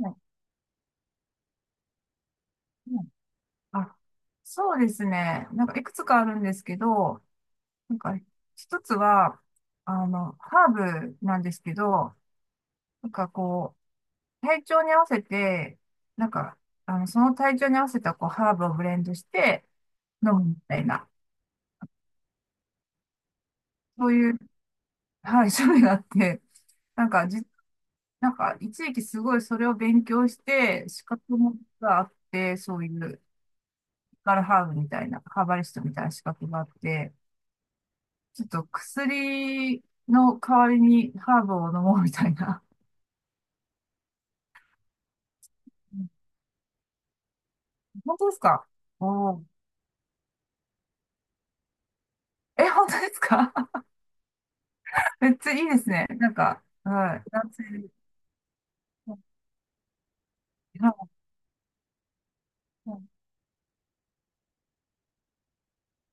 はいはいあ、そうですね。なんかいくつかあるんですけど、なんか一つは、ハーブなんですけど、なんかこう、体調に合わせて、なんか、その体調に合わせたこう、ハーブをブレンドして飲むみたいな、そういう、はい、種類があって、なんかじ、なんか一時期すごいそれを勉強して、資格もがあって、そういう、ガルハーブみたいな、ハーバリストみたいな資格があって、ちょっと薬の代わりにハーブを飲もうみたいな。本当ですか。おー。え、本当ですか。 めっちゃいいですね。なんか、はい。男性。は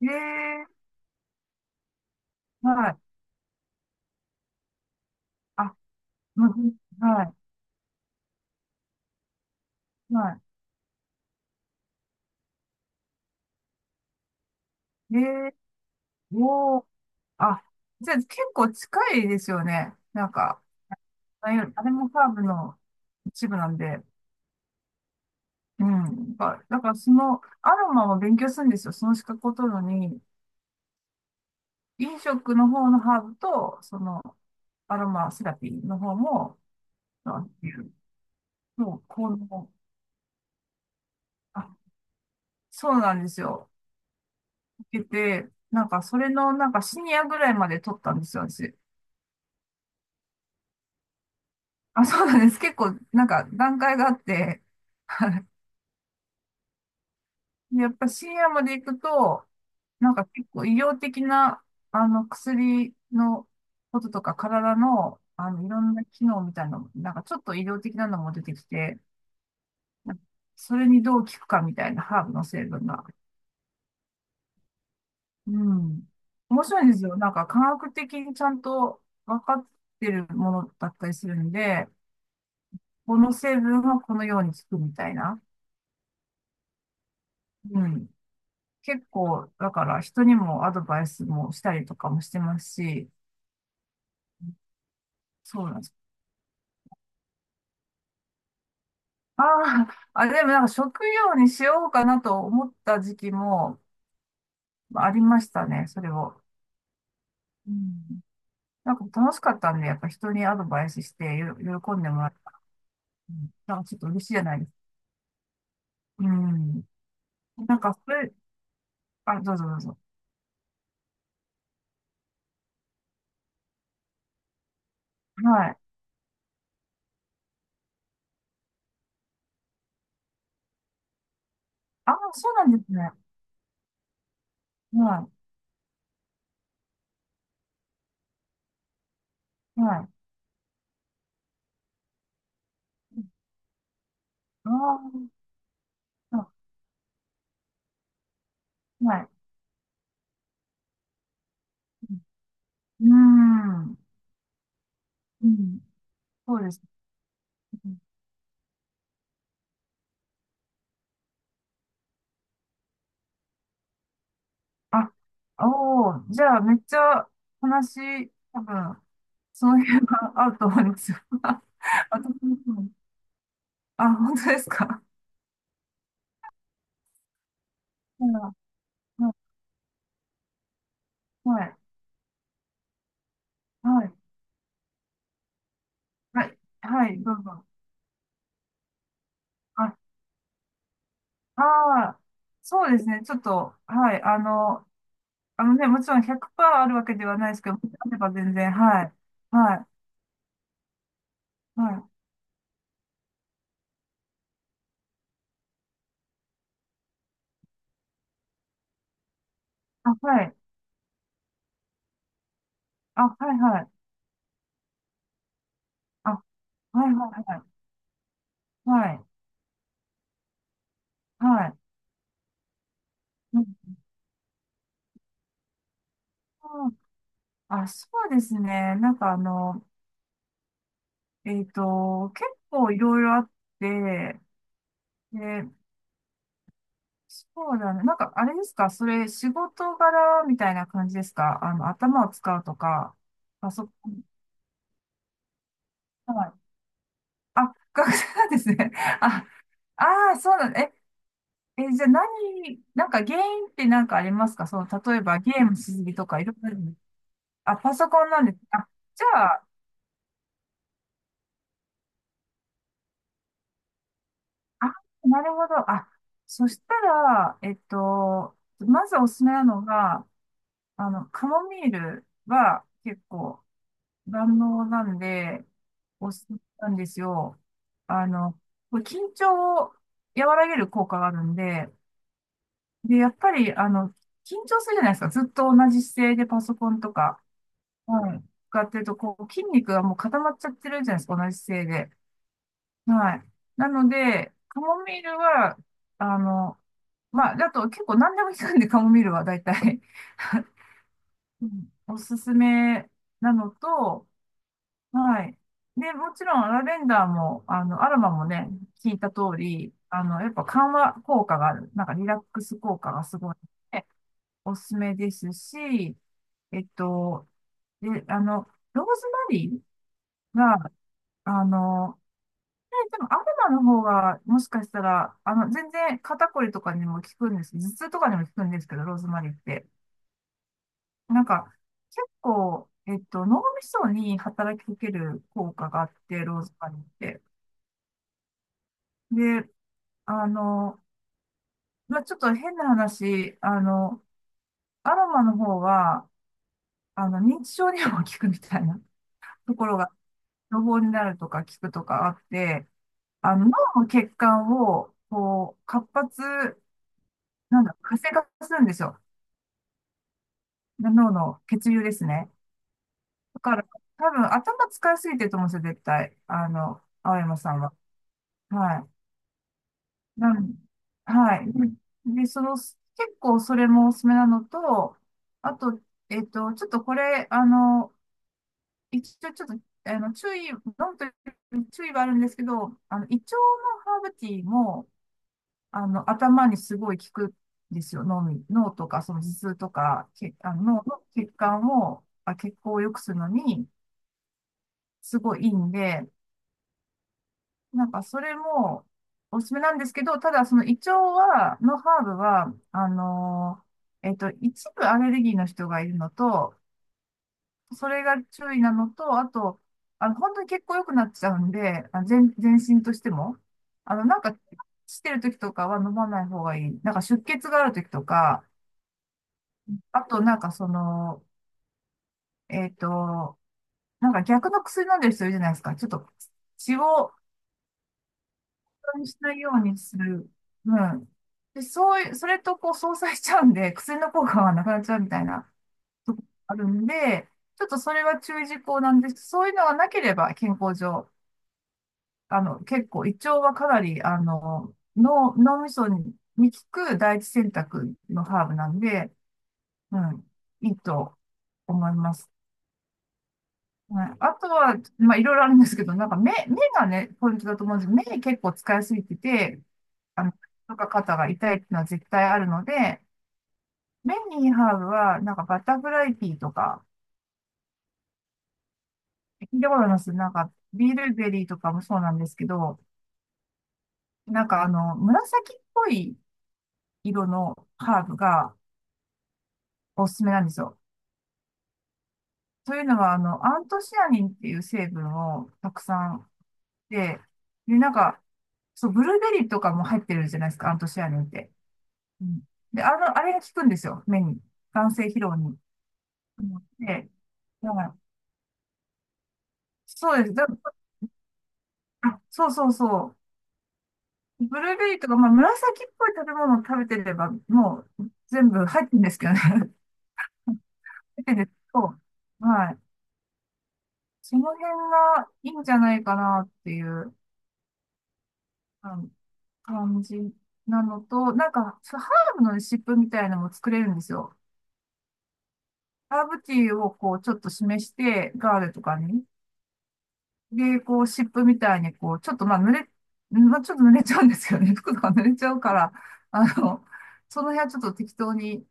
い。えー、はい。あ、うん、はい。はい。えー、おー。あ、じゃあ結構近いですよね。なんか、あれもハーブの一部なんで。うん。だから、そのアロマも勉強するんですよ。その資格を取るのに。飲食の方のハーブと、その、アロマセラピーの方も、なんていう、そう、この、あ、そうなんですよ。受けて、なんか、それの、なんか、シニアぐらいまで取ったんですよ、私。あ、そうなんです。結構、なんか、段階があって、でやっぱシニアまで行くと、なんか結構医療的な、薬のこととか、体の、いろんな機能みたいなのも、なんかちょっと医療的なのも出てきて、それにどう効くかみたいなハーブの成分が。うん。面白いんですよ。なんか科学的にちゃんと分かってるものだったりするんで、この成分はこのように効くみたいな。うん。結構、だから人にもアドバイスもしたりとかもしてますし、そうなんです。ああ、あ、でもなんか食用にしようかなと思った時期もありましたね、それを。うん。なんか楽しかったんで、やっぱ人にアドバイスしてよ喜んでもらってうん、なんかちょっと嬉しいじゃないですか。うん。なんか、それ、あ、どうぞどうぞ。はい。ああ、そうなんですね。はい。はい。ああ、あはい。うん。うん。そうですね。あ、おおじゃあ、めっちゃ話、多分、その辺が合うと思うんですよ。私もそう。あ、本当ですか。はい。はい。はい。はい。はい。はいどうぞ。あああ、そうですね。ちょっと、はい。あのね、もちろん100%あるわけではないですけど、あれば全然、はい。はい。はい。あ、はい。あ、はい、はい。あ、はい、はい、はい。はい。はい。うんあ、そうですね。なんか結構いろいろあって、で、そうだね。なんかあれですかそれ、仕事柄みたいな感じですか。頭を使うとか、パソコン。はい。あ、学生なんですね。あ、ああ、そうなんだ。え、じゃあ何、なんか原因ってなんかありますか。その、例えばゲームしすぎとかいろいろあるの。あ、パソコンなんです。あ、じゃあ、あ、なるほど。あ、そしたら、まずおすすめなのが、カモミールは結構万能なんで、おすすめなんですよ。あの、これ緊張を和らげる効果があるんで、で、やっぱり、緊張するじゃないですか。ずっと同じ姿勢でパソコンとか、はい。かっていうと、こう、筋肉がもう固まっちゃってるじゃないですか、同じ姿勢で。はい。なので、カモミールは、あの、まあ、だと結構何でも効くんで、カモミールは大体、うんおすすめなのと、はい。で、もちろん、ラベンダーも、アロマもね、聞いた通り、やっぱ緩和効果がある。なんかリラックス効果がすごいので、おすすめですし、えっと、で、ローズマリーが、あの、でも、アロマの方が、もしかしたら、全然肩こりとかにも効くんです。頭痛とかにも効くんですけど、ローズマリーって。なんか、結構、脳みそに働きかける効果があって、ローズマリーって。で、あの、まあ、ちょっと変な話、アロマの方は、認知症にも効くみたいな ところが、予防になるとか効くとかあって、脳の血管を、こう、活発、なんだ、活性化するんですよ。脳の血流ですね。だから、多分頭使いすぎてると思うんですよ、絶対。青山さんは。はい。なん、はい。で、その、結構それもおすすめなのと、あと、ちょっとこれ、一応ちょっと、注意、飲むという注意はあるんですけど、胃腸のハーブティーも、頭にすごい効くんですよ。脳に、脳とか、その頭痛とか、け、あの、脳の血管を、あ、血行を良くするのに、すごいいいんで、なんかそれもおすすめなんですけど、ただその胃腸は、のハーブは、一部アレルギーの人がいるのと、それが注意なのと、あと、本当に結構良くなっちゃうんで、全身としても、なんか、してる時とかは飲まない方がいい。なんか出血がある時とか、あとなんかその、えっと、なんか逆の薬飲んでる人いるじゃないですか。ちょっと血をにしないようにする。うん。で、そういう、それとこう相殺しちゃうんで、薬の効果がなくなっちゃうみたいなとこあるんで、ちょっとそれは注意事項なんですけど、そういうのがなければ健康上、結構胃腸はかなり、脳、脳みそに、効く第一選択のハーブなんで、うん、いいと思います。はい、あとは、まあ、いろいろあるんですけど、なんか目、目がね、ポイントだと思うんですけど、目結構使いすぎてて、あの、とか肩が痛いっていうのは絶対あるので、メンニーハーブは、なんかバタフライピーとか、聞いたことありますなんか、ビールベリーとかもそうなんですけど、なんか紫っぽい色のハーブがおすすめなんですよ。というのは、アントシアニンっていう成分をたくさんで、で、なんか、そう、ブルーベリーとかも入ってるじゃないですか、アントシアニンって。うん、で、あれが効くんですよ、目に。眼性疲労に。うんで、だからそうです。だあ、そうそうそう。ブルーベリーとか、まあ、紫っぽい食べ物を食べてれば、もう全部入ってるんですけどね。入ってるんですけど、はい。その辺がいいんじゃないかなっていう、あの感じなのと、なんか、そうハーブのレシピみたいなのも作れるんですよ。ハーブティーをこう、ちょっと示して、ガールとかに。で、こう、シップみたいに、こう、ちょっとまあ、濡れ、まあ、ちょっと濡れちゃうんですよね。服とか濡れちゃうから、あの、その辺はちょっと適当に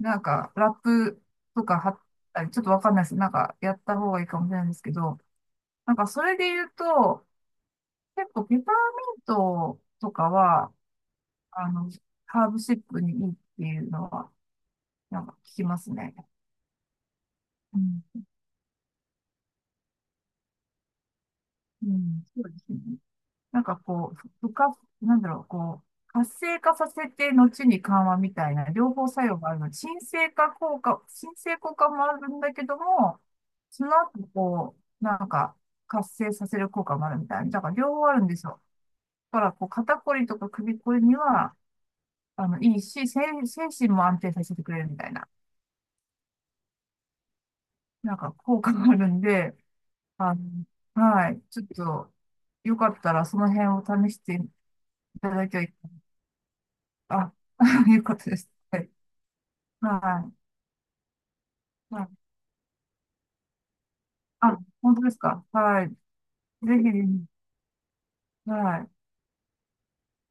なんか、ラップとか貼ったり、ちょっとわかんないです。なんか、やった方がいいかもしれないんですけど、なんか、それで言うと、結構、ペパーミントとかは、あの、ハーブシップにいいっていうのは、なんか、聞きますね。うん。うん。そうですね。なんかこう、不活なんだろう、こう、活性化させて、後に緩和みたいな、両方作用があるので。鎮静化効果、鎮静効果もあるんだけども、その後、こう、なんか、活性させる効果もあるみたいな。だから、両方あるんですよ。だから、こう、肩こりとか首こりには、いいし、精神も安定させてくれるみたいな、なんか、効果があるんで、あの、はい、ちょっと、よかったら、その辺を試していただきゃい、あ、いうことです。はいはい。はい。あ、本当ですか。はい。ぜひ、はい。